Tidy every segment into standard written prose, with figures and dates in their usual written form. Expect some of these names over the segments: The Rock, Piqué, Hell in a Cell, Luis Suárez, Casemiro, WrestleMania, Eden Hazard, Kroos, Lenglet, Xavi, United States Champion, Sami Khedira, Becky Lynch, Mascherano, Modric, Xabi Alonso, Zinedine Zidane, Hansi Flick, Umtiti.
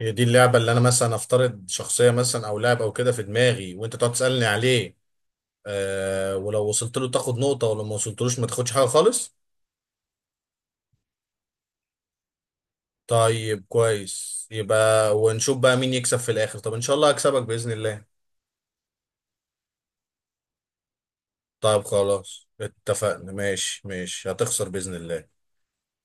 هي دي اللعبة اللي أنا مثلا أفترض شخصية مثلا أو لاعب أو كده في دماغي، وأنت تقعد تسألني عليه. آه، ولو وصلت له تاخد نقطة، ولو ما وصلتلوش ما تاخدش حاجة خالص. طيب كويس، يبقى ونشوف بقى مين يكسب في الآخر. طب إن شاء الله هكسبك بإذن الله. طيب خلاص اتفقنا، ماشي ماشي، هتخسر بإذن الله.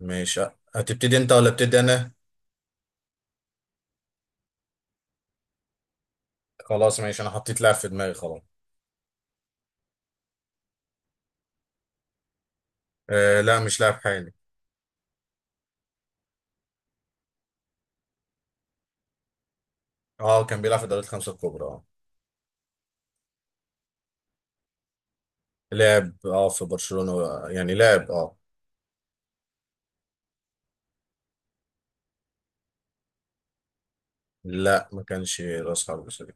ماشي. هتبتدي أنت ولا ابتدي أنا؟ خلاص ماشي، أنا حطيت لاعب في دماغي خلاص. آه، لا مش لاعب حالي. أه كان بيلعب في الدوري الخمسة الكبرى، أه. لعب أه في برشلونة، يعني لعب، أه. لا ما كانش راس حرب سوري.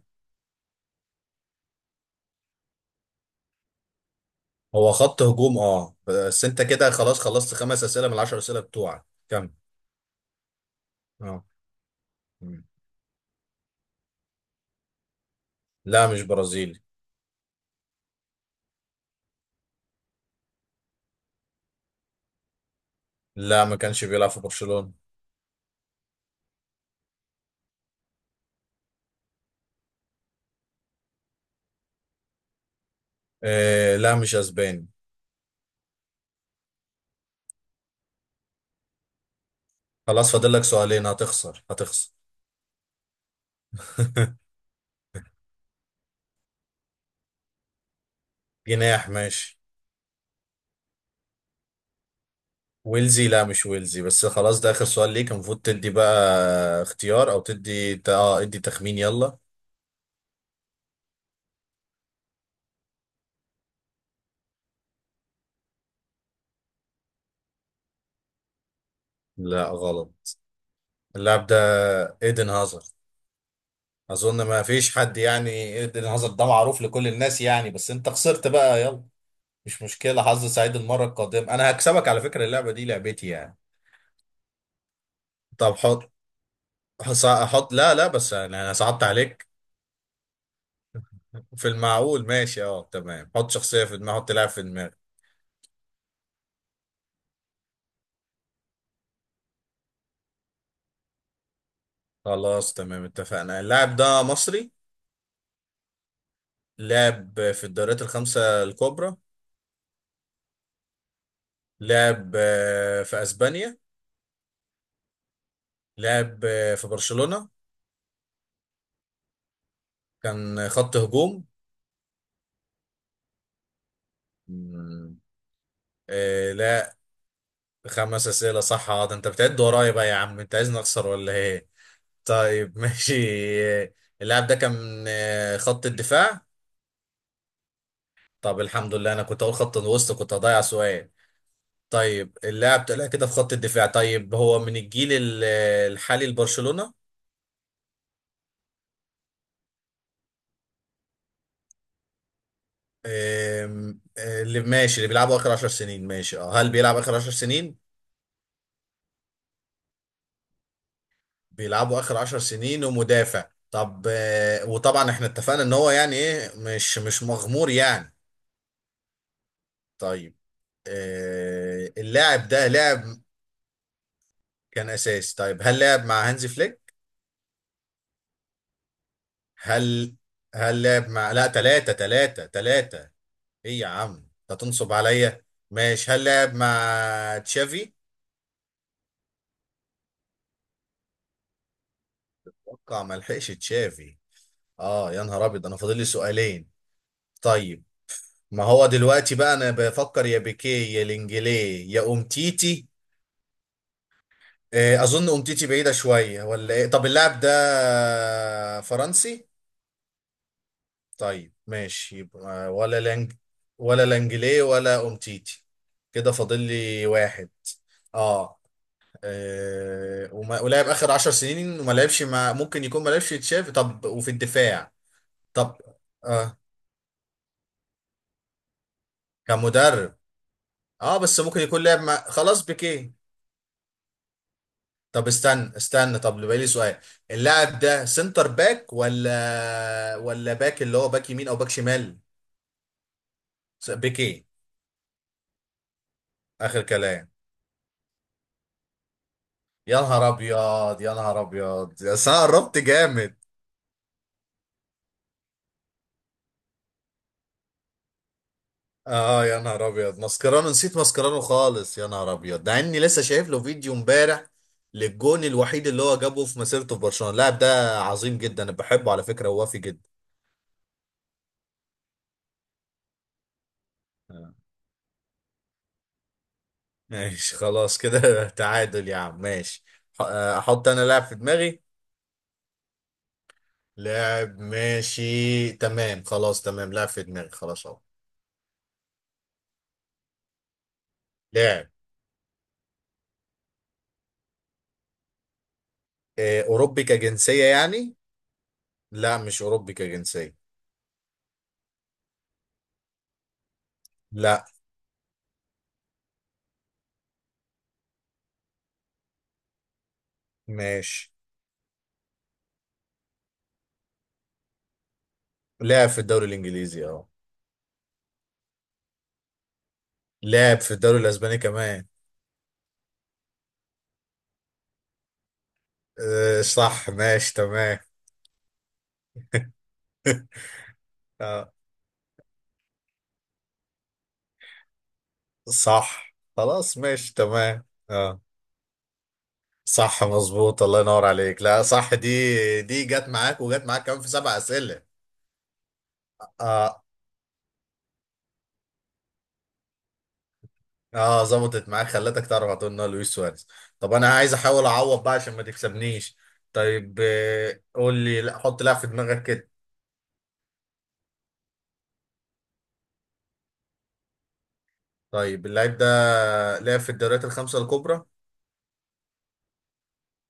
هو خط هجوم، اه، بس انت كده خلاص خلصت خمس اسئله من العشر اسئله بتوعك كم. اه. مم. لا مش برازيلي. لا ما كانش بيلعب في برشلونه. آه، لا مش اسباني. خلاص فاضل لك سؤالين، هتخسر هتخسر. جناح، ماشي. ويلزي؟ لا مش ويلزي، بس خلاص ده اخر سؤال ليك، المفروض تدي بقى اختيار او تدي ادي تخمين، يلا. لا غلط. اللاعب ده ايدن هازارد. اظن ما فيش حد يعني ايدن هازارد ده معروف لكل الناس يعني، بس انت خسرت بقى، يلا. مش مشكله، حظ سعيد المره القادمه، انا هكسبك، على فكره اللعبه دي لعبتي يعني. طب حط لا لا، بس أنا صعبت عليك. في المعقول، ماشي، اه تمام، حط شخصيه في دماغي، حط لاعب في دماغي. خلاص تمام اتفقنا. اللاعب ده مصري؟ لعب في الدوريات الخمسه الكبرى. لعب في اسبانيا. لعب في برشلونه. كان خط هجوم. مم. خمس أسئلة صح، اه، ده انت بتعد ورايا بقى يا عم، انت عايزني اخسر ولا ايه؟ طيب ماشي. اللاعب ده كان من خط الدفاع. طب الحمد لله، انا كنت اقول خط الوسط، كنت هضيع سؤال. طيب اللاعب طلع كده في خط الدفاع، طيب هو من الجيل الحالي لبرشلونة. آم، آه، اللي ماشي، اللي بيلعبوا اخر 10 سنين، ماشي، اه هل بيلعب اخر 10 سنين؟ بيلعبوا اخر 10 سنين ومدافع، طب وطبعا احنا اتفقنا ان هو يعني ايه، مش مغمور يعني. طيب اللاعب ده لاعب. كان اساسي. طيب هل لعب مع هانزي فليك؟ هل هل لعب مع، لا تلاتة تلاتة تلاتة، ايه يا عم هتنصب عليا؟ ماشي، هل لعب مع تشافي؟ اتوقع ما لحقش تشافي. اه يا نهار ابيض، انا فاضل لي سؤالين. طيب، ما هو دلوقتي بقى انا بفكر، يا بيكيه يا لينجلي يا امتيتي. اظن امتيتي بعيدة شوية ولا ايه؟ طب اللاعب ده فرنسي؟ طيب ماشي، يبقى ولا لانجلي ولا امتيتي. كده فاضل لي واحد. اه، ولعب اخر عشر سنين، وما لعبش مع، ممكن يكون ما لعبش تشافي. طب وفي الدفاع. طب آه. كمدرب؟ اه بس ممكن يكون لعب مع، خلاص بيكيه. طب استنى، طب بقى لي سؤال. اللاعب ده سنتر باك ولا باك، اللي هو باك يمين او باك شمال؟ بيكيه. اخر كلام. يا نهار ابيض يا نهار ابيض، يا سنة قربت جامد. اه يا نهار ابيض، ماسكرانو، نسيت ماسكرانو خالص، يا نهار ابيض، ده اني لسه شايف له فيديو امبارح للجون الوحيد اللي هو جابه في مسيرته في برشلونة. اللاعب ده عظيم جدا، انا بحبه على فكرة، ووافي جدا. آه. ماشي خلاص كده تعادل يا عم، ماشي. احط انا لاعب في دماغي. لاعب، ماشي تمام، خلاص تمام، لاعب في دماغي خلاص اهو. لاعب اوروبي كجنسية يعني؟ لا مش اوروبي كجنسية. لا. ماشي. لعب في الدوري الانجليزي، اه. لعب في الدوري الاسباني كمان. أه صح، ماشي تمام. أه صح خلاص، ماشي تمام. أه صح مظبوط، الله ينور عليك، لا صح، دي جت معاك، وجت معاك كمان في سبع اسئله. اه اه، ظبطت معاك، خلتك تعرف على طول انه لويس سواريز. طب انا عايز احاول اعوض بقى عشان ما تكسبنيش. طيب قول لي، لا حط لاعب في دماغك كده. طيب اللاعب ده لعب في الدوريات الخمسه الكبرى.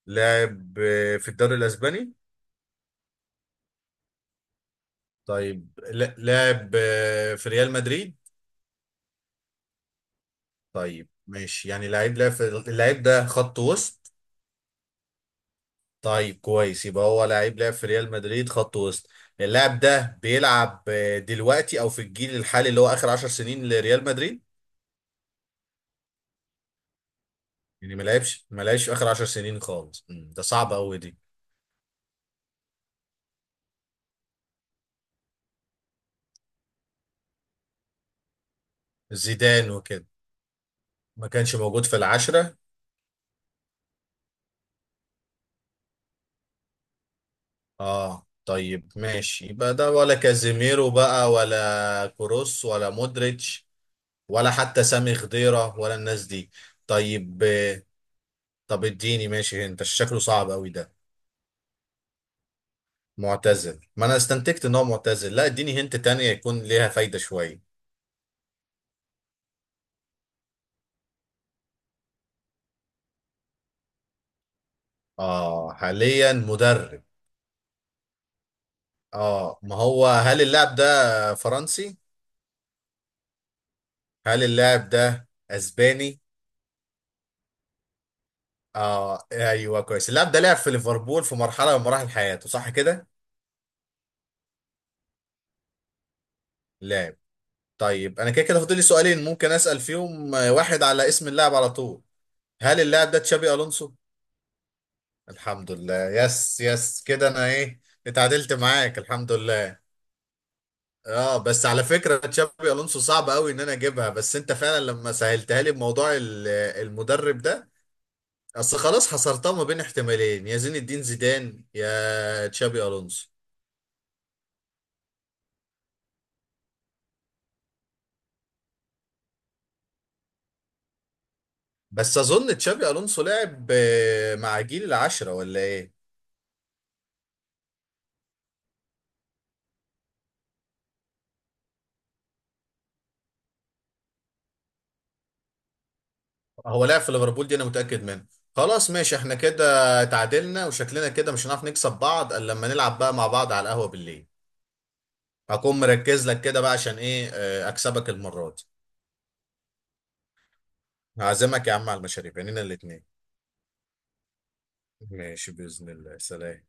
لاعب في الدوري الاسباني. طيب لاعب في ريال مدريد. طيب ماشي، يعني لعيب لعب في، اللاعب ده خط وسط. طيب كويس، يبقى هو لعيب لعب في ريال مدريد خط وسط. اللاعب ده بيلعب دلوقتي، او في الجيل الحالي اللي هو اخر عشر سنين لريال مدريد. يعني ما لعبش في اخر عشر سنين خالص. ده صعب قوي دي. زيدان وكده. ما كانش موجود في العشرة. اه طيب ماشي، يبقى ده ولا كازيميرو بقى، ولا كروس ولا مودريتش. ولا حتى سامي خضيرة ولا الناس دي. طيب طب اديني، ماشي، انت شكله صعب قوي ده. معتزل، ما انا استنتجت ان هو معتزل. لا اديني هنت تانية يكون ليها فايدة شوية. اه حاليا مدرب. اه ما هو، هل اللاعب ده فرنسي؟ هل اللاعب ده اسباني؟ اه ايوه كويس. اللاعب ده لعب في ليفربول في مرحلة من مراحل حياته، صح كده؟ لا. طيب انا كده كده فاضل لي سؤالين، ممكن اسال فيهم واحد على اسم اللاعب على طول. هل اللاعب ده تشابي الونسو؟ الحمد لله، يس يس، كده انا ايه، اتعادلت معاك الحمد لله. اه، بس على فكره تشابي الونسو صعب قوي ان انا اجيبها، بس انت فعلا لما سهلتها لي بموضوع المدرب ده، اصل خلاص حصرتها ما بين احتمالين، يا زين الدين زيدان يا تشابي الونسو. بس اظن تشابي الونسو لعب مع جيل العشرة، ولا ايه؟ هو لعب في ليفربول، دي انا متاكد منها. خلاص ماشي، احنا كده اتعادلنا، وشكلنا كده مش هنعرف نكسب بعض الا لما نلعب بقى مع بعض على القهوه بالليل. هكون مركز لك كده بقى، عشان ايه اكسبك المره دي. هعزمك يا عم على المشاريب، يعني الاثنين. ماشي باذن الله، سلام.